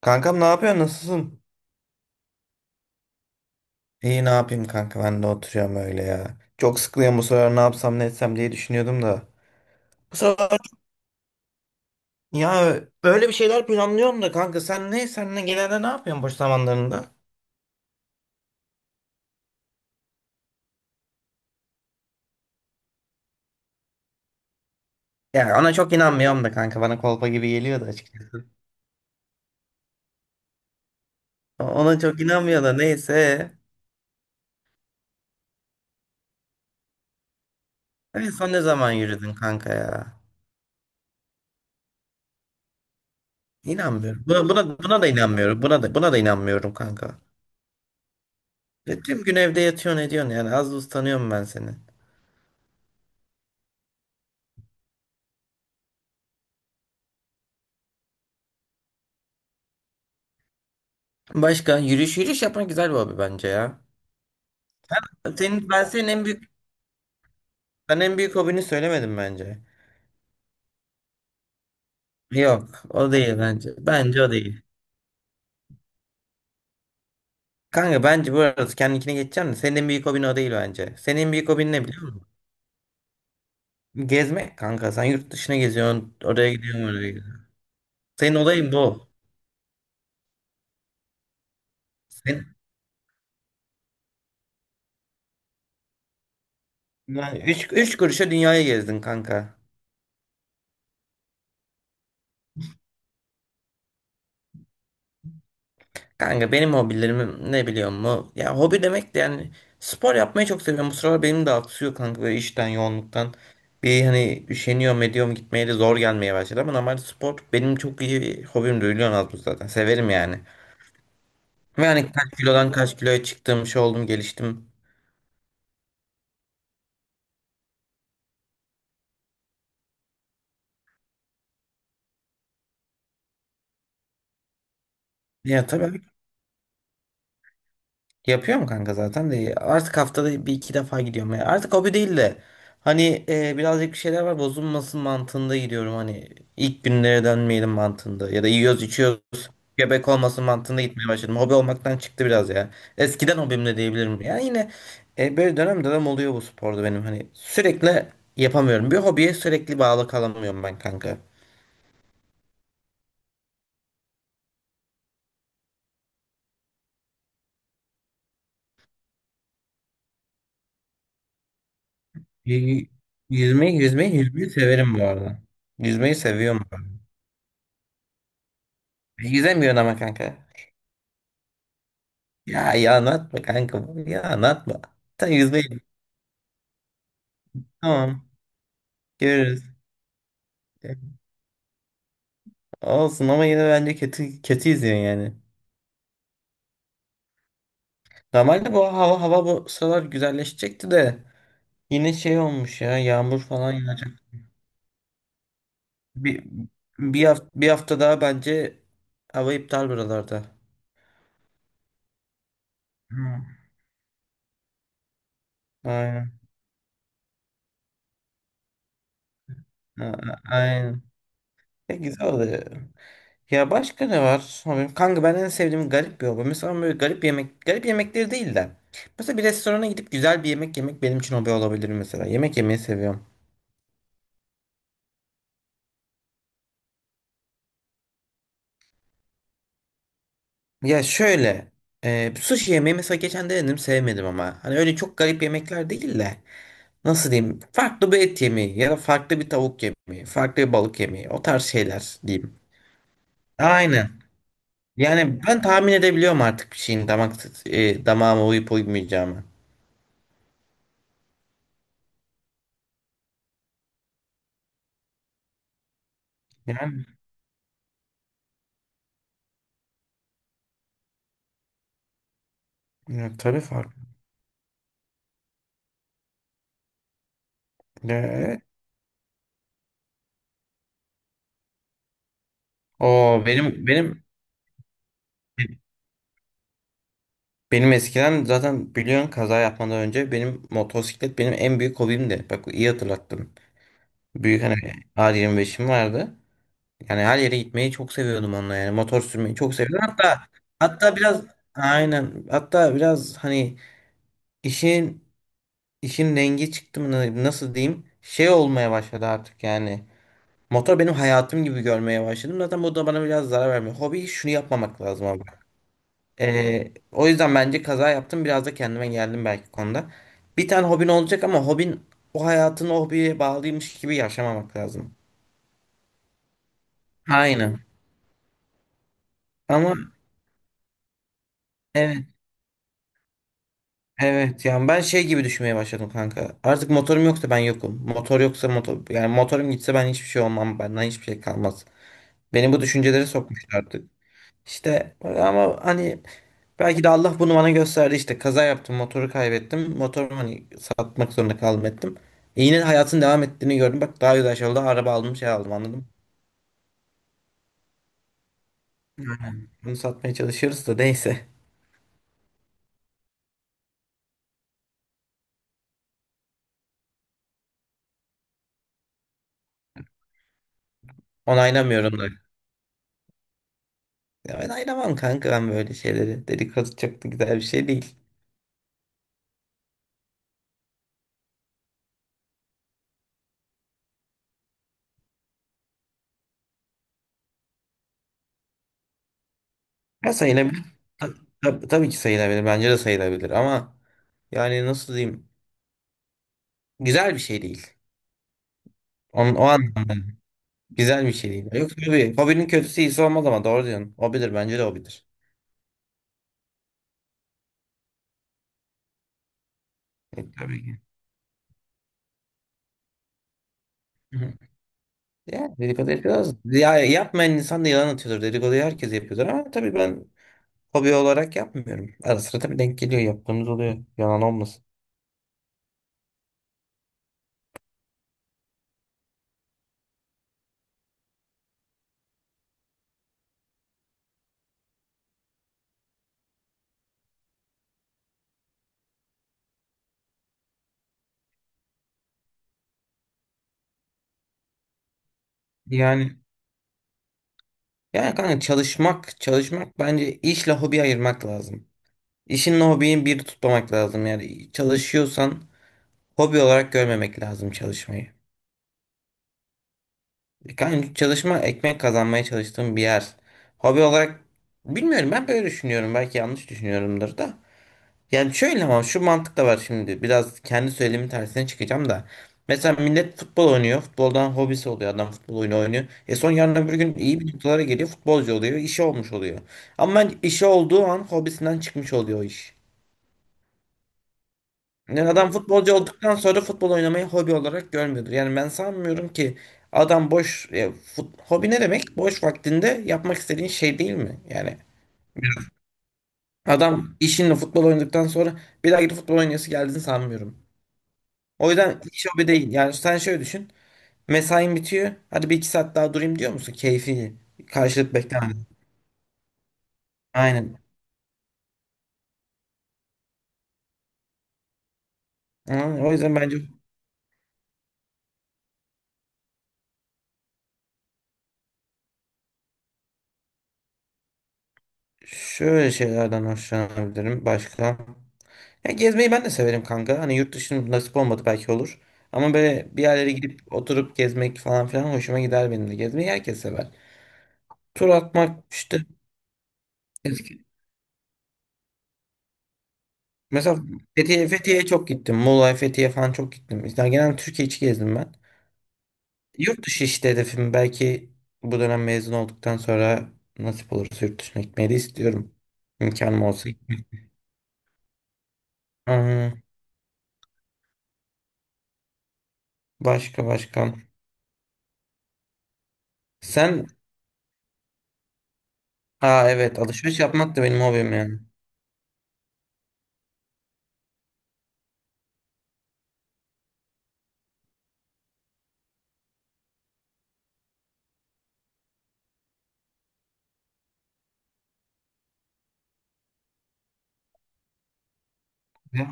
Kankam ne yapıyorsun? Nasılsın? İyi ne yapayım kanka ben de oturuyorum öyle ya. Çok sıkılıyorum, bu sefer ne yapsam ne etsem diye düşünüyordum da. Bu sefer ya böyle bir şeyler planlıyorum da kanka, sen ne genelde ne yapıyorsun boş zamanlarında? Ya ona çok inanmıyorum da kanka, bana kolpa gibi geliyor da açıkçası. Ona çok inanmıyor da neyse. En son ne zaman yürüdün kanka ya? İnanmıyorum. Buna da inanmıyorum. Buna da inanmıyorum kanka. Ya tüm gün evde yatıyorsun ediyorsun yani, az buz tanıyorum ben seni. Başka, yürüyüş yapmak güzel bir hobi bence ya. Senin, ben senin en büyük ben en büyük hobini söylemedim bence. Yok o değil bence. Bence o değil. Kanka bence bu arada kendinkine geçeceğim de senin en büyük hobin o değil bence. Senin en büyük hobin ne biliyor musun? Gezmek kanka. Sen yurt dışına geziyorsun. Oraya gidiyorsun, oraya gidiyorsun. Senin olayın bu. Sen, yani üç kuruşa dünyayı gezdin kanka. Kanka benim hobilerim ne biliyor musun? Ya hobi demek de yani spor yapmayı çok seviyorum. Bu sıralar benim de aksıyor kanka, böyle işten yoğunluktan. Bir hani üşeniyorum ediyorum gitmeye de zor gelmeye başladı ama normalde spor benim çok iyi bir hobim, biliyorsun, az buz zaten. Severim yani. Ve hani kaç kilodan kaç kiloya çıktım, şey oldum geliştim. Ya tabii abi. Yapıyor mu kanka zaten de, artık haftada bir iki defa gidiyorum ya. Artık hobi değil de hani birazcık bir şeyler var, bozulmasın mantığında gidiyorum, hani ilk günlere dönmeyelim mantığında ya da yiyoruz içiyoruz göbek olmasın mantığında gitmeye başladım. Hobi olmaktan çıktı biraz ya. Eskiden hobim de diyebilirim. Yani yine böyle dönem dönem oluyor bu sporda, benim hani sürekli yapamıyorum. Bir hobiye sürekli bağlı kalamıyorum ben kanka. Y- yüzmeyi severim bu arada. Yüzmeyi seviyorum bu arada. Yüzemiyorum ama kanka. Ya anlatma kanka. Ya anlatma. Sen yüzmeyi bil. Tamam. Görürüz. Olsun ama yine bence kötü kötü izliyorsun yani. Normalde bu hava bu sıralar güzelleşecekti de yine şey olmuş ya, yağmur falan yağacak. Bir bir hafta daha bence hava iptal buralarda. Hı. Aynen. A- Aynen. Ya güzel oluyor. Ya başka ne var? Abi, kanka, ben en sevdiğim garip bir hobi. Mesela böyle garip yemekleri değil de. Mesela bir restorana gidip güzel bir yemek yemek benim için hobi olabilir mesela. Yemek yemeyi seviyorum. Ya şöyle, sushi yemeği mesela geçen denedim sevmedim ama. Hani öyle çok garip yemekler değil de. Nasıl diyeyim? Farklı bir et yemeği ya da farklı bir tavuk yemeği, farklı bir balık yemeği. O tarz şeyler diyeyim. Aynen. Yani ben tahmin edebiliyorum artık bir şeyin damağıma uyup uymayacağını. Yani, ya, tabii farklı. Ya, O benim benim benim eskiden zaten biliyorsun kaza yapmadan önce benim motosiklet benim en büyük hobimdi. Bak iyi hatırlattın. Büyük hani yirmi beşim vardı. Yani her yere gitmeyi çok seviyordum onunla yani. Motor sürmeyi çok seviyordum. Hatta biraz aynen, hatta biraz hani işin işin rengi çıktı mı, nasıl diyeyim, şey olmaya başladı artık yani. Motor benim hayatım gibi görmeye başladım. Zaten bu da bana biraz zarar vermiyor. Hobi şunu yapmamak lazım abi. O yüzden bence kaza yaptım. Biraz da kendime geldim belki konuda. Bir tane hobin olacak ama hobin, o hayatını o hobiye bağlıymış gibi yaşamamak lazım. Aynen. Ama evet, evet, yani ben şey gibi düşünmeye başladım kanka. Artık motorum yoksa ben yokum. Motor yoksa motor yani motorum gitse ben hiçbir şey olmam. Benden hiçbir şey kalmaz. Beni bu düşüncelere sokmuşlar. İşte ama hani belki de Allah bunu bana gösterdi işte, kaza yaptım, motoru kaybettim, motorumu hani satmak zorunda kaldım ettim. Yine hayatın devam ettiğini gördüm, bak daha güzel şey oldu, araba aldım şey aldım anladın mı? Yani bunu satmaya çalışıyoruz da neyse onaylamıyorum da. Ya ben ayıramam kanka, ben böyle şeyleri, dedikodu çok da güzel bir şey değil. Ya sayılabilir. Ta- tabii ki sayılabilir, bence de sayılabilir ama yani, nasıl diyeyim, güzel bir şey değil. Onun, o anlamda. Güzel bir şey değil. Yok tabii. Hobinin kötüsü iyisi olmaz ama doğru diyorsun. Hobidir bence de hobidir. Tabii ki. Hı hı. Ya dedikodu yapıyoruz. Ya yapmayan insan da yalan atıyordur. Dedikoduyu herkes yapıyordur ama tabii ben hobi olarak yapmıyorum. Ara sıra tabii denk geliyor. Yaptığımız oluyor. Yalan olmasın. Yani Yani kanka, çalışmak bence işle hobi ayırmak lazım. İşinle hobiyi bir tutmamak lazım. Yani çalışıyorsan hobi olarak görmemek lazım çalışmayı. Kanka, çalışma ekmek kazanmaya çalıştığım bir yer. Hobi olarak bilmiyorum, ben böyle düşünüyorum. Belki yanlış düşünüyorumdur da. Yani şöyle, ama şu mantık da var şimdi. Biraz kendi söylemin tersine çıkacağım da. Mesela millet futbol oynuyor. Futboldan hobisi oluyor. Adam futbol oyunu oynuyor. Son yarın öbür gün iyi bir noktalara geliyor. Futbolcu oluyor. İşi olmuş oluyor. Ama işi olduğu an hobisinden çıkmış oluyor o iş. Yani adam futbolcu olduktan sonra futbol oynamayı hobi olarak görmüyordur. Yani ben sanmıyorum ki adam boş hobi ne demek? Boş vaktinde yapmak istediğin şey değil mi? Yani adam işinle futbol oynadıktan sonra bir daha gidip futbol oynayası geldiğini sanmıyorum. O yüzden hiç hobi değil. Yani sen şöyle düşün. Mesain bitiyor. Hadi bir iki saat daha durayım diyor musun? Keyfi karşılık beklemeden. Aynen. Aynen. O yüzden bence şöyle şeylerden hoşlanabilirim. Başka? Ya gezmeyi ben de severim kanka. Hani yurt dışının nasip olmadı belki olur. Ama böyle bir yerlere gidip oturup gezmek falan filan hoşuma gider benim de. Gezmeyi herkes sever. Tur atmak işte eski. Mesela Fethiye'ye çok gittim. Muğla, Fethiye falan çok gittim. İşte genel Türkiye içi gezdim ben. Yurt dışı işte hedefim, belki bu dönem mezun olduktan sonra nasip olursa yurt dışına gitmeyi de istiyorum. İmkanım olsa. Aa, başka başka. Sen Aa, evet, alışveriş yapmak da benim hobim yani. Ya,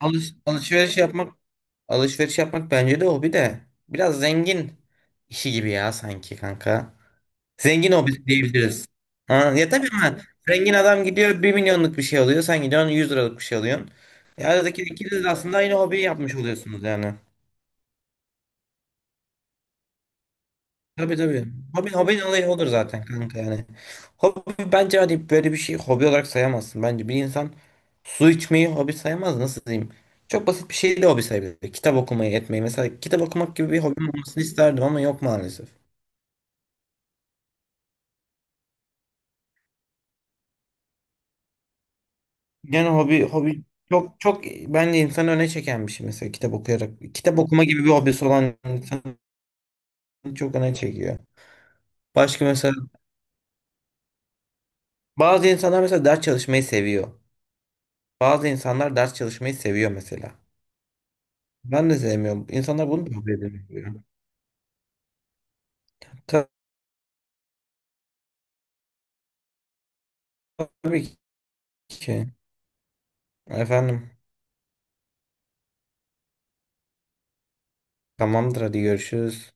alış, alışveriş yapmak alışveriş yapmak bence de hobi de biraz zengin işi gibi ya, sanki kanka. Zengin hobi diyebiliriz. Ha, ya tabii ama zengin adam gidiyor 1 milyonluk bir şey alıyor. Sen gidiyorsun 100 liralık bir şey alıyorsun. Ya aradaki, ikiniz de aslında aynı hobiyi yapmış oluyorsunuz yani. Tabii, tabii. Hobinin olayı odur zaten kanka yani. Hobi bence hani böyle bir şey hobi olarak sayamazsın. Bence bir insan su içmeyi hobi sayamaz. Nasıl diyeyim? Çok basit bir şey de hobi sayabilir. Kitap okumayı etmeyi. Mesela kitap okumak gibi bir hobim olmasını isterdim ama yok maalesef. Yani hobi çok çok bence insanı öne çeken bir şey, mesela kitap okuyarak. Kitap okuma gibi bir hobisi olan insan çok öne çekiyor. Başka mesela bazı insanlar mesela ders çalışmayı seviyor. Bazı insanlar ders çalışmayı seviyor mesela. Ben de sevmiyorum. İnsanlar bunu da kabul edemiyor. Tabii ki. Efendim. Tamamdır hadi görüşürüz.